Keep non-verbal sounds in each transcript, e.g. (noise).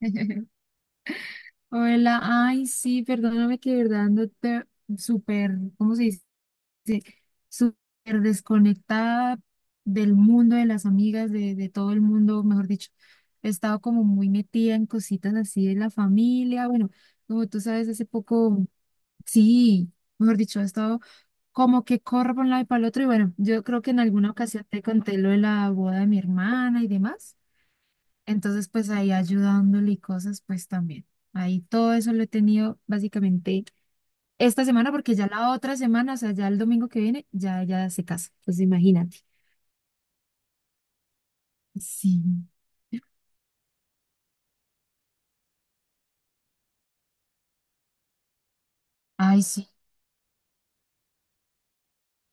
(laughs) Hola, ay, sí, perdóname que de verdad ando súper, ¿cómo se dice? Súper desconectada del mundo, de las amigas, de todo el mundo, mejor dicho. He estado como muy metida en cositas así de la familia. Bueno, como tú sabes, hace poco, sí, mejor dicho, he estado como que corro por un lado y para el otro. Y bueno, yo creo que en alguna ocasión te conté lo de la boda de mi hermana y demás. Entonces, pues ahí ayudándole y cosas, pues también. Ahí todo eso lo he tenido básicamente esta semana, porque ya la otra semana, o sea, ya el domingo que viene, ya ella se casa. Pues imagínate. Sí, ay, sí.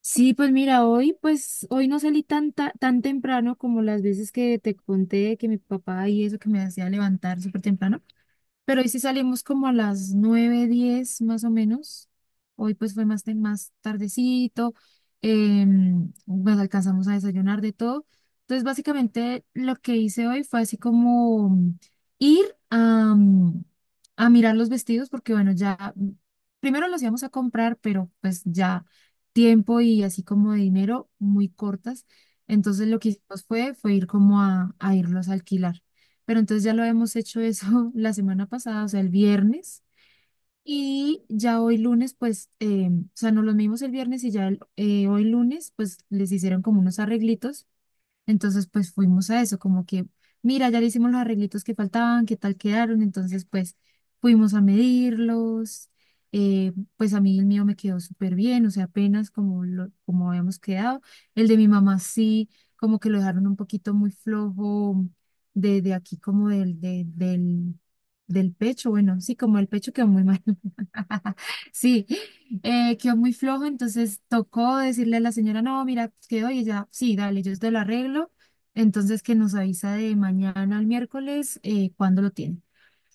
Sí, pues mira, hoy, pues hoy no salí tan, tan temprano como las veces que te conté que mi papá y eso que me hacía levantar súper temprano. Pero hoy sí salimos como a las 9:10 más o menos. Hoy pues fue más tardecito. Bueno, alcanzamos a desayunar de todo. Entonces básicamente lo que hice hoy fue así como ir a, mm, a mirar los vestidos porque bueno, ya primero los íbamos a comprar, pero pues ya tiempo y así como de dinero muy cortas. Entonces lo que hicimos fue ir como a irlos a alquilar. Pero entonces ya lo hemos hecho eso (laughs) la semana pasada, o sea, el viernes. Y ya hoy lunes, pues, o sea, nos los medimos el viernes y ya hoy lunes, pues les hicieron como unos arreglitos entonces, pues fuimos a eso, como que, mira, ya le hicimos los arreglitos que faltaban, qué tal quedaron. Entonces, pues fuimos a medirlos. Pues a mí el mío me quedó súper bien, o sea, apenas como, lo, como habíamos quedado. El de mi mamá sí, como que lo dejaron un poquito muy flojo de aquí, como del pecho. Bueno, sí, como el pecho quedó muy mal. (laughs) Sí, quedó muy flojo, entonces tocó decirle a la señora, no, mira, quedó y ella, sí, dale, yo te lo arreglo. Entonces que nos avisa de mañana al miércoles cuándo lo tiene.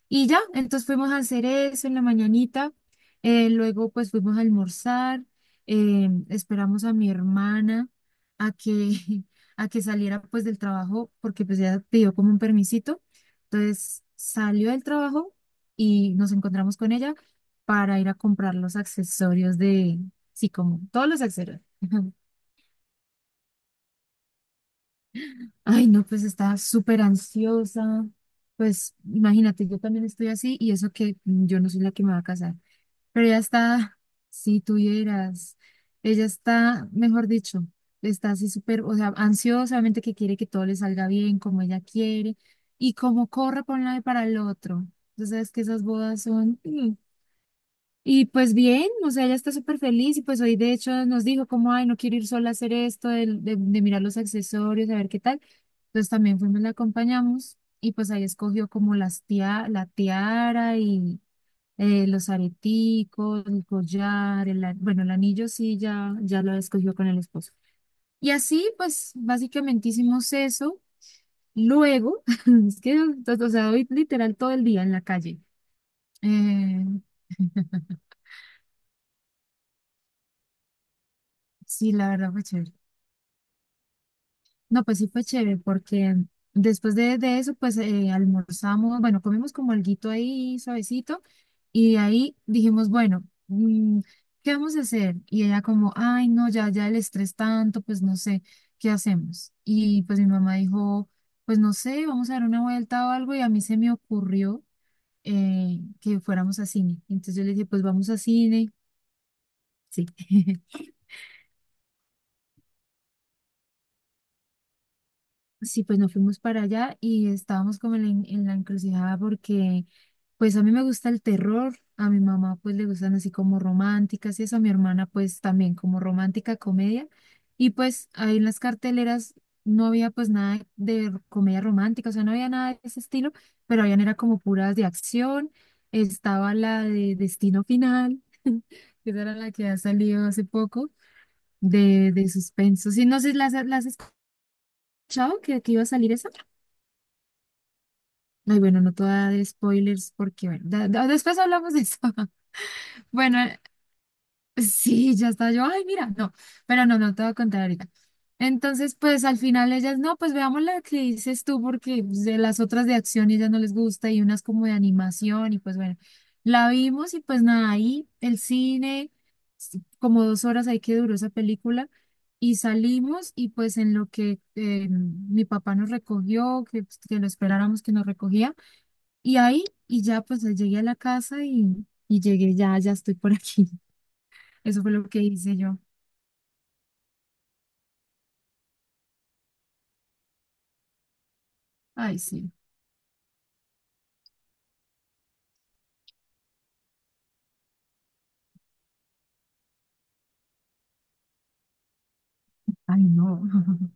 Y ya, entonces fuimos a hacer eso en la mañanita, luego pues fuimos a almorzar, esperamos a mi hermana a que, (laughs) a que saliera pues del trabajo, porque pues ella pidió como un permisito, entonces salió del trabajo y nos encontramos con ella para ir a comprar los accesorios de, sí, como todos los accesorios. (laughs) Ay, no, pues estaba súper ansiosa, pues imagínate, yo también estoy así y eso que yo no soy la que me va a casar. Pero ella está, si tuvieras, ella está, mejor dicho, está así súper, o sea, ansiosamente que quiere que todo le salga bien, como ella quiere, y como corre por un lado y para el otro. Entonces, sabes que esas bodas son... mm. Y pues bien, o sea, ella está súper feliz y pues hoy de hecho nos dijo como, ay, no quiero ir sola a hacer esto, de mirar los accesorios, a ver qué tal. Entonces también fuimos, la acompañamos y pues ahí escogió como la tiara y los areticos, el collar, bueno, el anillo sí ya, ya lo escogió con el esposo. Y así, pues, básicamente hicimos eso. Luego, (laughs) es que, o sea, hoy literal todo el día en la calle. Eh, (laughs) sí, la verdad fue chévere. No, pues sí fue chévere porque después de eso, pues almorzamos, bueno, comimos como alguito ahí suavecito y de ahí dijimos, bueno, mm, ¿qué vamos a hacer? Y ella como, ay, no, ya, ya el estrés tanto, pues no sé, ¿qué hacemos? Y pues mi mamá dijo, pues no sé, vamos a dar una vuelta o algo y a mí se me ocurrió que fuéramos a cine. Entonces yo le dije, pues vamos a cine, sí. (laughs) Sí, pues nos fuimos para allá y estábamos como en la encrucijada porque pues a mí me gusta el terror, a mi mamá pues le gustan así como románticas y eso, a mi hermana pues también como romántica comedia y pues ahí en las carteleras no había pues nada de comedia romántica, o sea, no había nada de ese estilo, pero habían era como puras de acción, estaba la de Destino Final, (laughs) que esa era la que ha salido hace poco, de suspenso. Sí, no sé, ¿las has escuchado que iba a salir esa? Ay, bueno, no te voy a dar spoilers porque, bueno, después hablamos de eso. (laughs) Bueno, sí, ya está yo, ay, mira, no, pero no, no te voy a contar ahorita. Entonces, pues al final ellas, no, pues veamos la que dices tú porque pues, de las otras de acción ellas no les gusta y unas como de animación y pues bueno, la vimos y pues nada, ahí el cine, como 2 horas ahí que duró esa película y salimos y pues en lo que mi papá nos recogió, que, pues, que lo esperáramos que nos recogía. Y ahí, y ya pues llegué a la casa y llegué ya, ya estoy por aquí. (laughs) Eso fue lo que hice yo. Ay, sí. Ay, no. (laughs)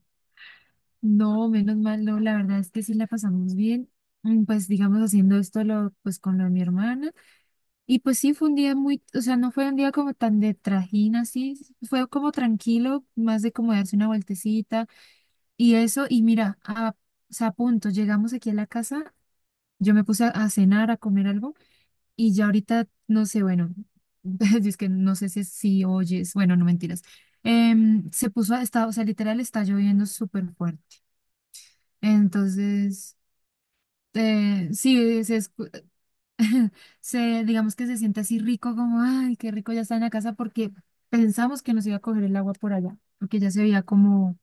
No, menos mal, no. La verdad es que sí la pasamos bien. Mm, pues digamos haciendo esto lo, pues con lo de mi hermana. Y pues sí fue un día muy, o sea, no fue un día como tan de trajín así. Fue como tranquilo, más de como darse una vueltecita y eso. Y mira, o sea, a punto, llegamos aquí a la casa. Yo me puse a cenar, a comer algo. Y ya ahorita, no sé, bueno, (laughs) es que no sé si, si oyes, bueno, no mentiras. Em, se puso, está, o sea, literal está lloviendo súper fuerte. Entonces, sí, (laughs) digamos que se siente así rico, como, ay, qué rico ya está en la casa, porque pensamos que nos iba a coger el agua por allá, porque ya se veía como,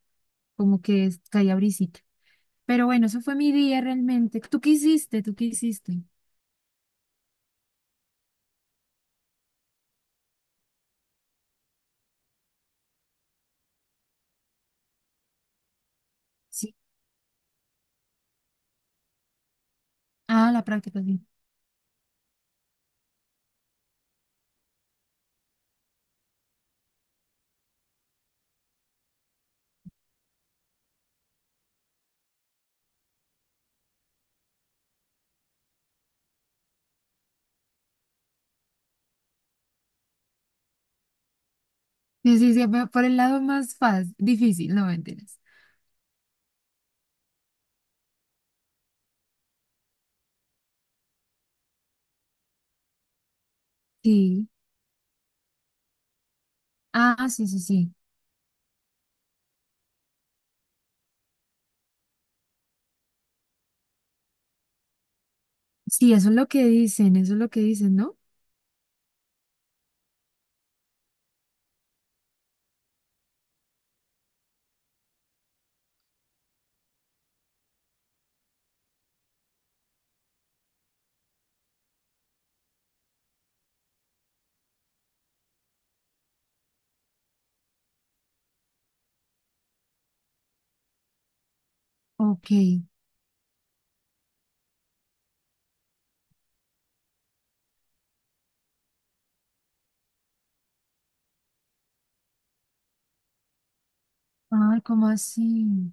como que caía brisita. Pero bueno, eso fue mi día realmente. ¿Tú qué hiciste? ¿Tú qué hiciste? Sí. Ah, la práctica, sí. Sí, sí, sí, pero por el lado más fácil, difícil, no mentiras. Sí. Ah, sí, sí, sí. Sí, eso es lo que dicen, eso es lo que dicen, ¿no? Ok. Ay, ¿cómo así?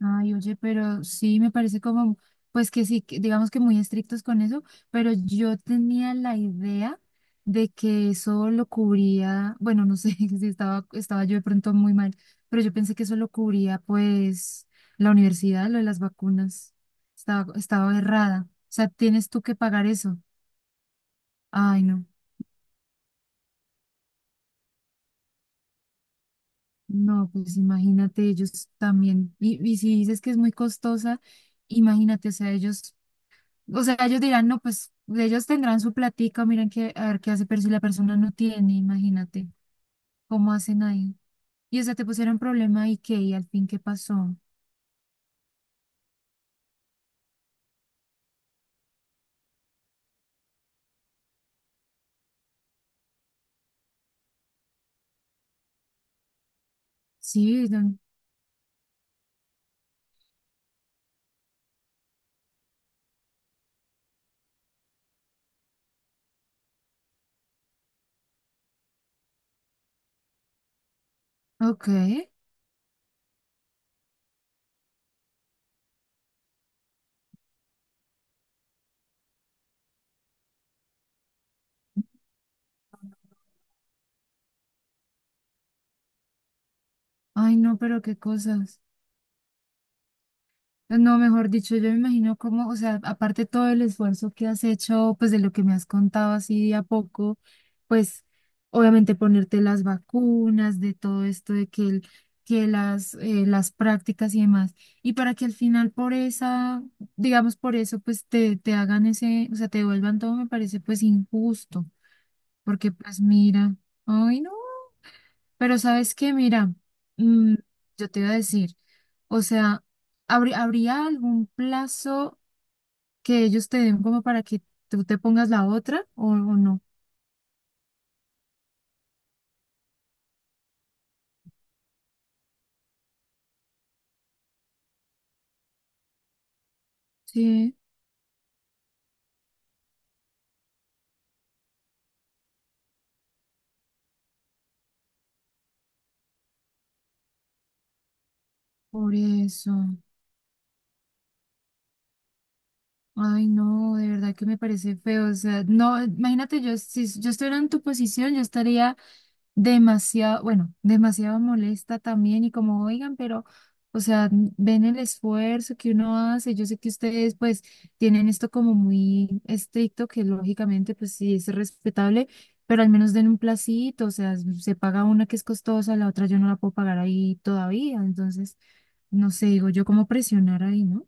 Ay, oye, pero sí me parece como, pues que sí, que digamos que muy estrictos con eso, pero yo tenía la idea de que eso lo cubría, bueno, no sé (laughs) si estaba yo de pronto muy mal, pero yo pensé que eso lo cubría pues la universidad, lo de las vacunas. Estaba errada. O sea, tienes tú que pagar eso. Ay, no. No, pues imagínate, ellos también. Y si dices que es muy costosa, imagínate, o sea, ellos. O sea, ellos dirán, no, pues ellos tendrán su platica, miren qué, a ver qué hace, pero si la persona no tiene, imagínate, ¿cómo hacen ahí? Y o sea, te pusieron problema y qué, y al fin qué pasó. Sí, don ok. Ay, no, pero qué cosas. No, mejor dicho, yo me imagino cómo, o sea, aparte todo el esfuerzo que has hecho, pues de lo que me has contado así de a poco, pues obviamente ponerte las vacunas, de todo esto, de que, que las prácticas y demás, y para que al final por esa, digamos por eso, pues te hagan ese, o sea, te devuelvan todo, me parece pues injusto, porque pues mira, ay no. Pero sabes qué, mira, mm, yo te iba a decir, o sea, ¿habría algún plazo que ellos te den como para que tú te pongas la otra o no? Sí, por eso. Ay, no, de verdad que me parece feo. O sea, no, imagínate, yo si yo estuviera en tu posición, yo estaría demasiado, bueno, demasiado molesta también y como, oigan, pero, o sea, ven el esfuerzo que uno hace. Yo sé que ustedes pues tienen esto como muy estricto, que lógicamente pues sí es respetable, pero al menos den un placito, o sea, se paga una que es costosa, la otra yo no la puedo pagar ahí todavía. Entonces, no sé, digo yo, cómo presionar ahí, ¿no?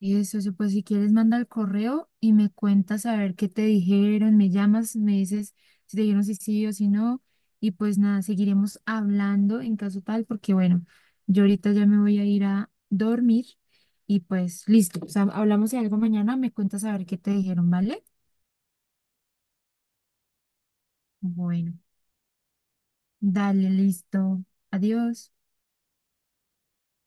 Eso, pues si quieres manda el correo y me cuentas a ver qué te dijeron, me llamas, me dices si te dijeron si sí o si no y pues nada, seguiremos hablando en caso tal porque bueno, yo ahorita ya me voy a ir a dormir y pues listo, o sea, hablamos de algo mañana, me cuentas a ver qué te dijeron, ¿vale? Bueno, dale, listo, adiós.